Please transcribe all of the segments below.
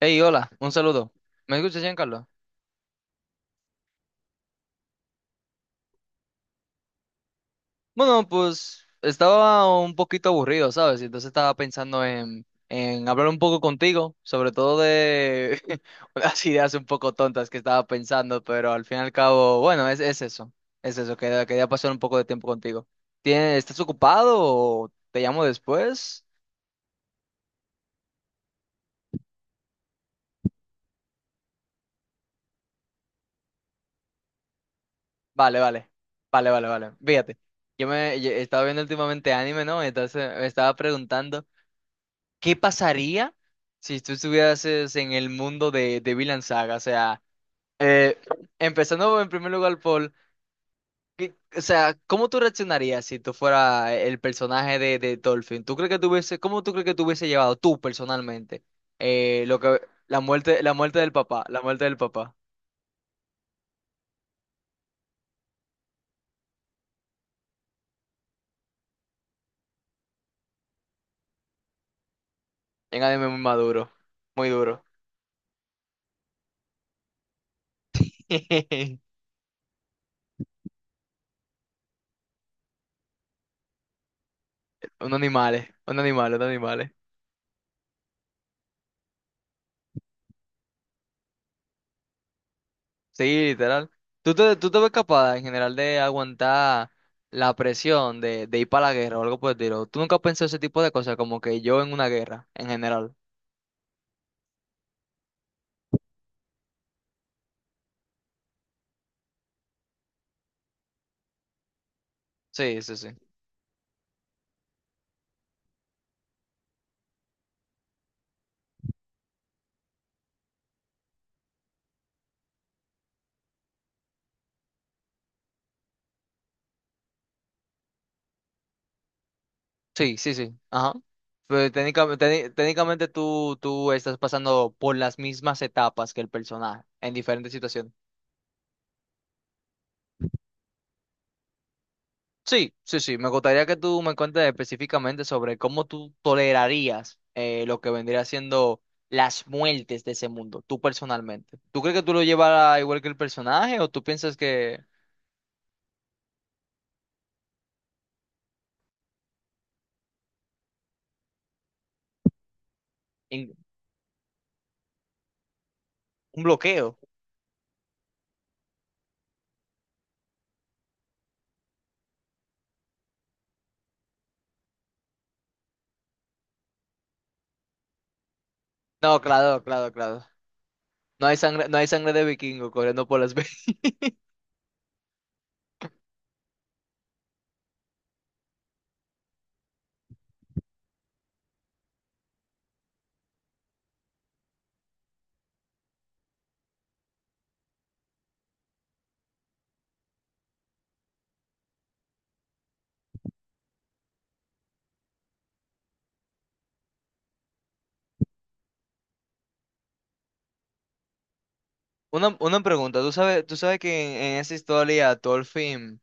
Hey, hola, un saludo. ¿Me escuchas, Giancarlo? Bueno, pues estaba un poquito aburrido, ¿sabes? Y entonces estaba pensando en hablar un poco contigo, sobre todo de unas ideas un poco tontas que estaba pensando, pero al fin y al cabo, bueno, es eso, quería pasar un poco de tiempo contigo. ¿ estás ocupado o te llamo después? Vale, vale, vale, vale, vale. Fíjate, yo estaba viendo últimamente anime, ¿no? Entonces me estaba preguntando. ¿Qué pasaría si tú estuvieras en el mundo de Vinland Saga? O sea, eh, empezando en primer lugar por o sea, ¿cómo tú reaccionarías si tú fueras el personaje de Dolphin? ¿Tú crees que cómo tú crees que te hubiese llevado tú personalmente lo que la muerte del papá, la muerte del papá en anime muy maduro, muy duro. Un animal, un animal, un animal. Sí, literal. ¿Tú te ves capaz en general de aguantar la presión de ir para la guerra o algo por el estilo? ¿Tú nunca has pensado ese tipo de cosas como que yo en una guerra en general? Sí, sí, sí. Sí, sí, sí. Ajá. Pero técnicamente, técnicamente tú estás pasando por las mismas etapas que el personaje en diferentes situaciones. Sí, sí, sí. Me gustaría que tú me cuentes específicamente sobre cómo tú tolerarías lo que vendría siendo las muertes de ese mundo, tú personalmente. ¿Tú crees que tú lo llevarás igual que el personaje o tú piensas que en- un bloqueo? No, claro, claro, claro. No hay sangre, no hay sangre de vikingo corriendo por las venas. Una pregunta. ¿Tú sabes que en esa historia Thorfinn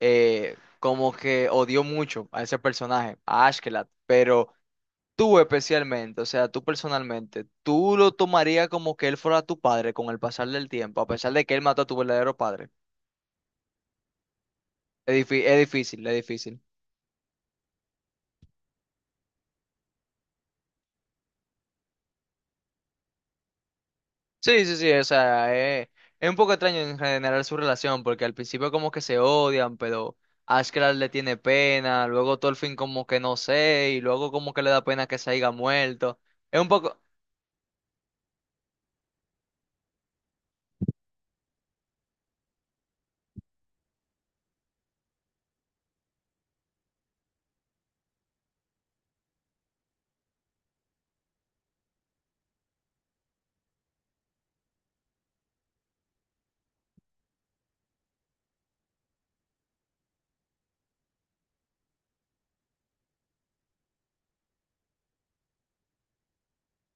como que odió mucho a ese personaje, a Ashkelat. Pero tú especialmente, o sea, tú personalmente, ¿tú lo tomarías como que él fuera tu padre con el pasar del tiempo, a pesar de que él mató a tu verdadero padre? Es difícil, es difícil. Sí, sí, sí, o sea, es un poco extraño en general su relación, porque al principio como que se odian, pero Ashcraft le tiene pena, luego Thorfinn como que no sé, y luego como que le da pena que se haya muerto. Es un poco,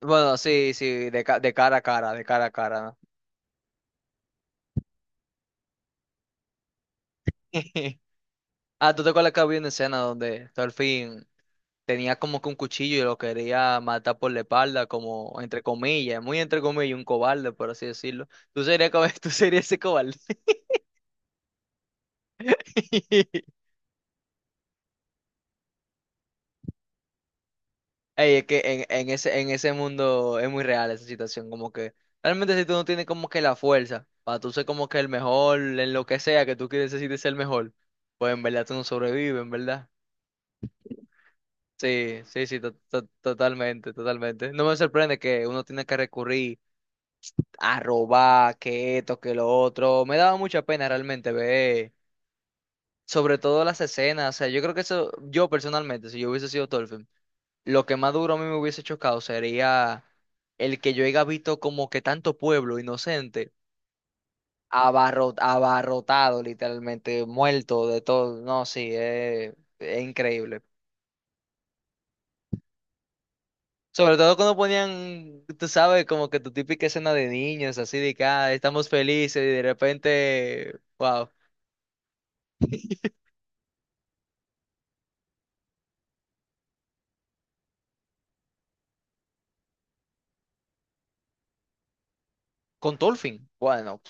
bueno, sí, sí, de cara a cara, de cara a cara, ¿no? Ah, ¿tú te acuerdas que había una escena donde Thorfinn tenía como que un cuchillo y lo quería matar por la espalda, como entre comillas, muy entre comillas, un cobarde, por así decirlo? Tú serías ese cobarde. Ey, es que en ese mundo es muy real esa situación, como que realmente si tú no tienes como que la fuerza para tú ser como que el mejor en lo que sea que tú quieres necesites ser el mejor, pues en verdad tú no sobrevives, en verdad. Sí, sí, sí, totalmente, totalmente. No me sorprende que uno tiene que recurrir a robar, que esto, que lo otro. Me daba mucha pena realmente ver, sobre todo las escenas. O sea, yo creo que eso, yo personalmente, si yo hubiese sido Thorfinn, lo que más duro a mí me hubiese chocado sería el que yo haya visto como que tanto pueblo inocente abarrotado, literalmente, muerto de todo. No, sí, es increíble. Sobre todo cuando ponían, tú sabes, como que tu típica escena de niños, así de que ah, estamos felices y de repente, wow. Con Tolfin. Bueno,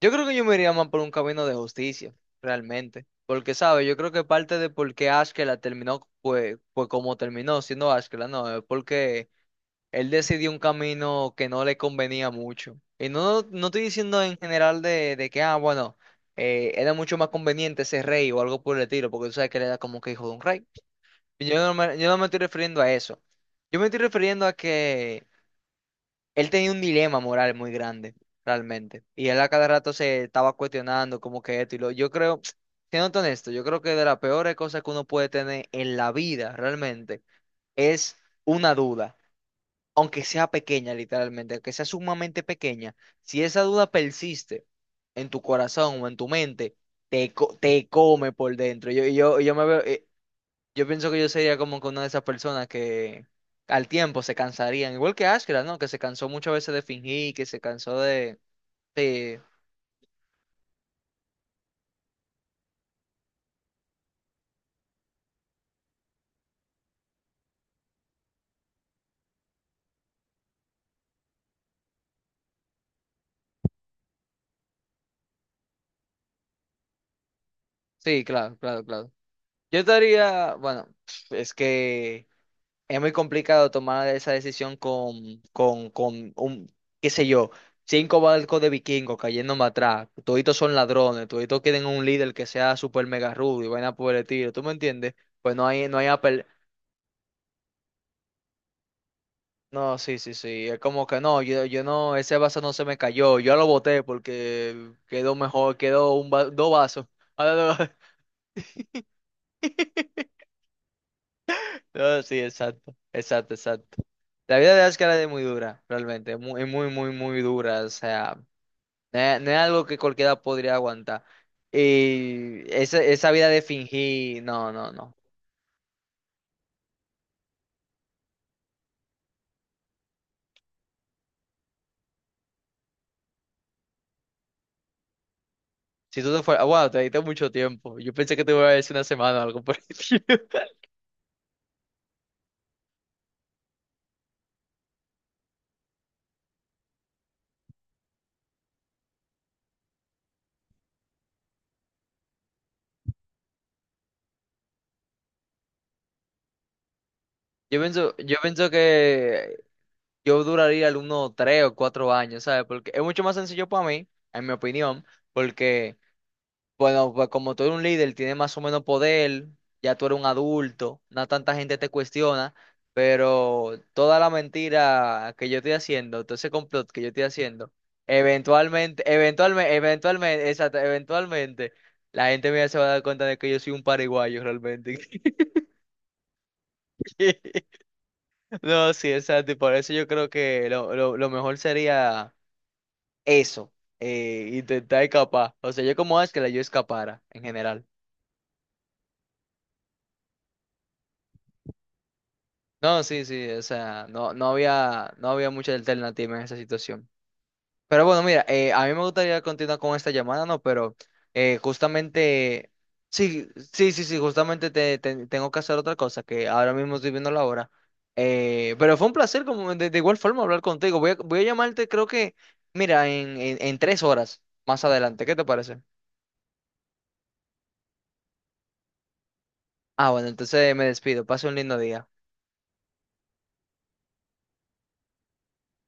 yo creo que yo me iría más por un camino de justicia, realmente. Porque, ¿sabes? Yo creo que parte de por qué Ashkela terminó, pues como terminó siendo Ashkela, no, es porque él decidió un camino que no le convenía mucho. Y no, no estoy diciendo en general de que, ah, bueno, era mucho más conveniente ser rey o algo por el estilo, porque tú sabes que él era como que hijo de un rey. Y yo no me estoy refiriendo a eso. Yo me estoy refiriendo a que él tenía un dilema moral muy grande, realmente. Y él a cada rato se estaba cuestionando como que esto y lo. Yo creo, siendo honesto, yo creo que de las peores cosas que uno puede tener en la vida, realmente, es una duda. Aunque sea pequeña, literalmente, aunque sea sumamente pequeña, si esa duda persiste en tu corazón o en tu mente, te come por dentro. Yo me veo, yo pienso que yo sería como que una de esas personas que al tiempo se cansarían, igual que Ashkra, ¿no? Que se cansó muchas veces de fingir, que se cansó de... Sí, sí, claro, claro, claro. Yo estaría, bueno, es que es muy complicado tomar esa decisión con, con un, qué sé yo, cinco barcos de vikingos cayéndome atrás, toditos son ladrones, toditos quieren un líder que sea super mega rudo y vaina por el estilo, ¿tú me entiendes? Pues no hay. No, sí, sí, sí. Es como que no, yo no, ese vaso no se me cayó. Yo lo boté porque quedó mejor, quedó dos vasos. Ah, no, no, no, sí, exacto, exacto, exacto. La vida de Ascar es muy dura, realmente. Es muy, muy, muy, muy dura. O sea, no es algo que cualquiera podría aguantar. Y esa vida de fingir, no, no, no. Si tú te fueras, wow, te diste mucho tiempo. Yo pensé que te iba a decir una semana o algo por el estilo. Yo pienso que yo duraría algunos 3 o 4 años, ¿sabes? Porque es mucho más sencillo para mí, en mi opinión, porque, bueno, pues como tú eres un líder, tienes más o menos poder, ya tú eres un adulto, no tanta gente te cuestiona, pero toda la mentira que yo estoy haciendo, todo ese complot que yo estoy haciendo, eventualmente, exacto, eventualmente, la gente mía se va a dar cuenta de que yo soy un paraguayo realmente. No, sí, exacto, y por eso yo creo que lo mejor sería eso, intentar escapar. O sea, yo como es que la yo escapara en general. No, sí, sí, o sea, no, no había mucha alternativa en esa situación. Pero bueno, mira, a mí me gustaría continuar con esta llamada, ¿no? Pero justamente, sí, sí, sí, sí, justamente tengo que hacer otra cosa, que ahora mismo estoy viendo la hora. Pero fue un placer, como de igual forma, hablar contigo. Voy a llamarte, creo que, mira, en, en 3 horas más adelante. ¿Qué te parece? Ah, bueno, entonces me despido. Pase un lindo día.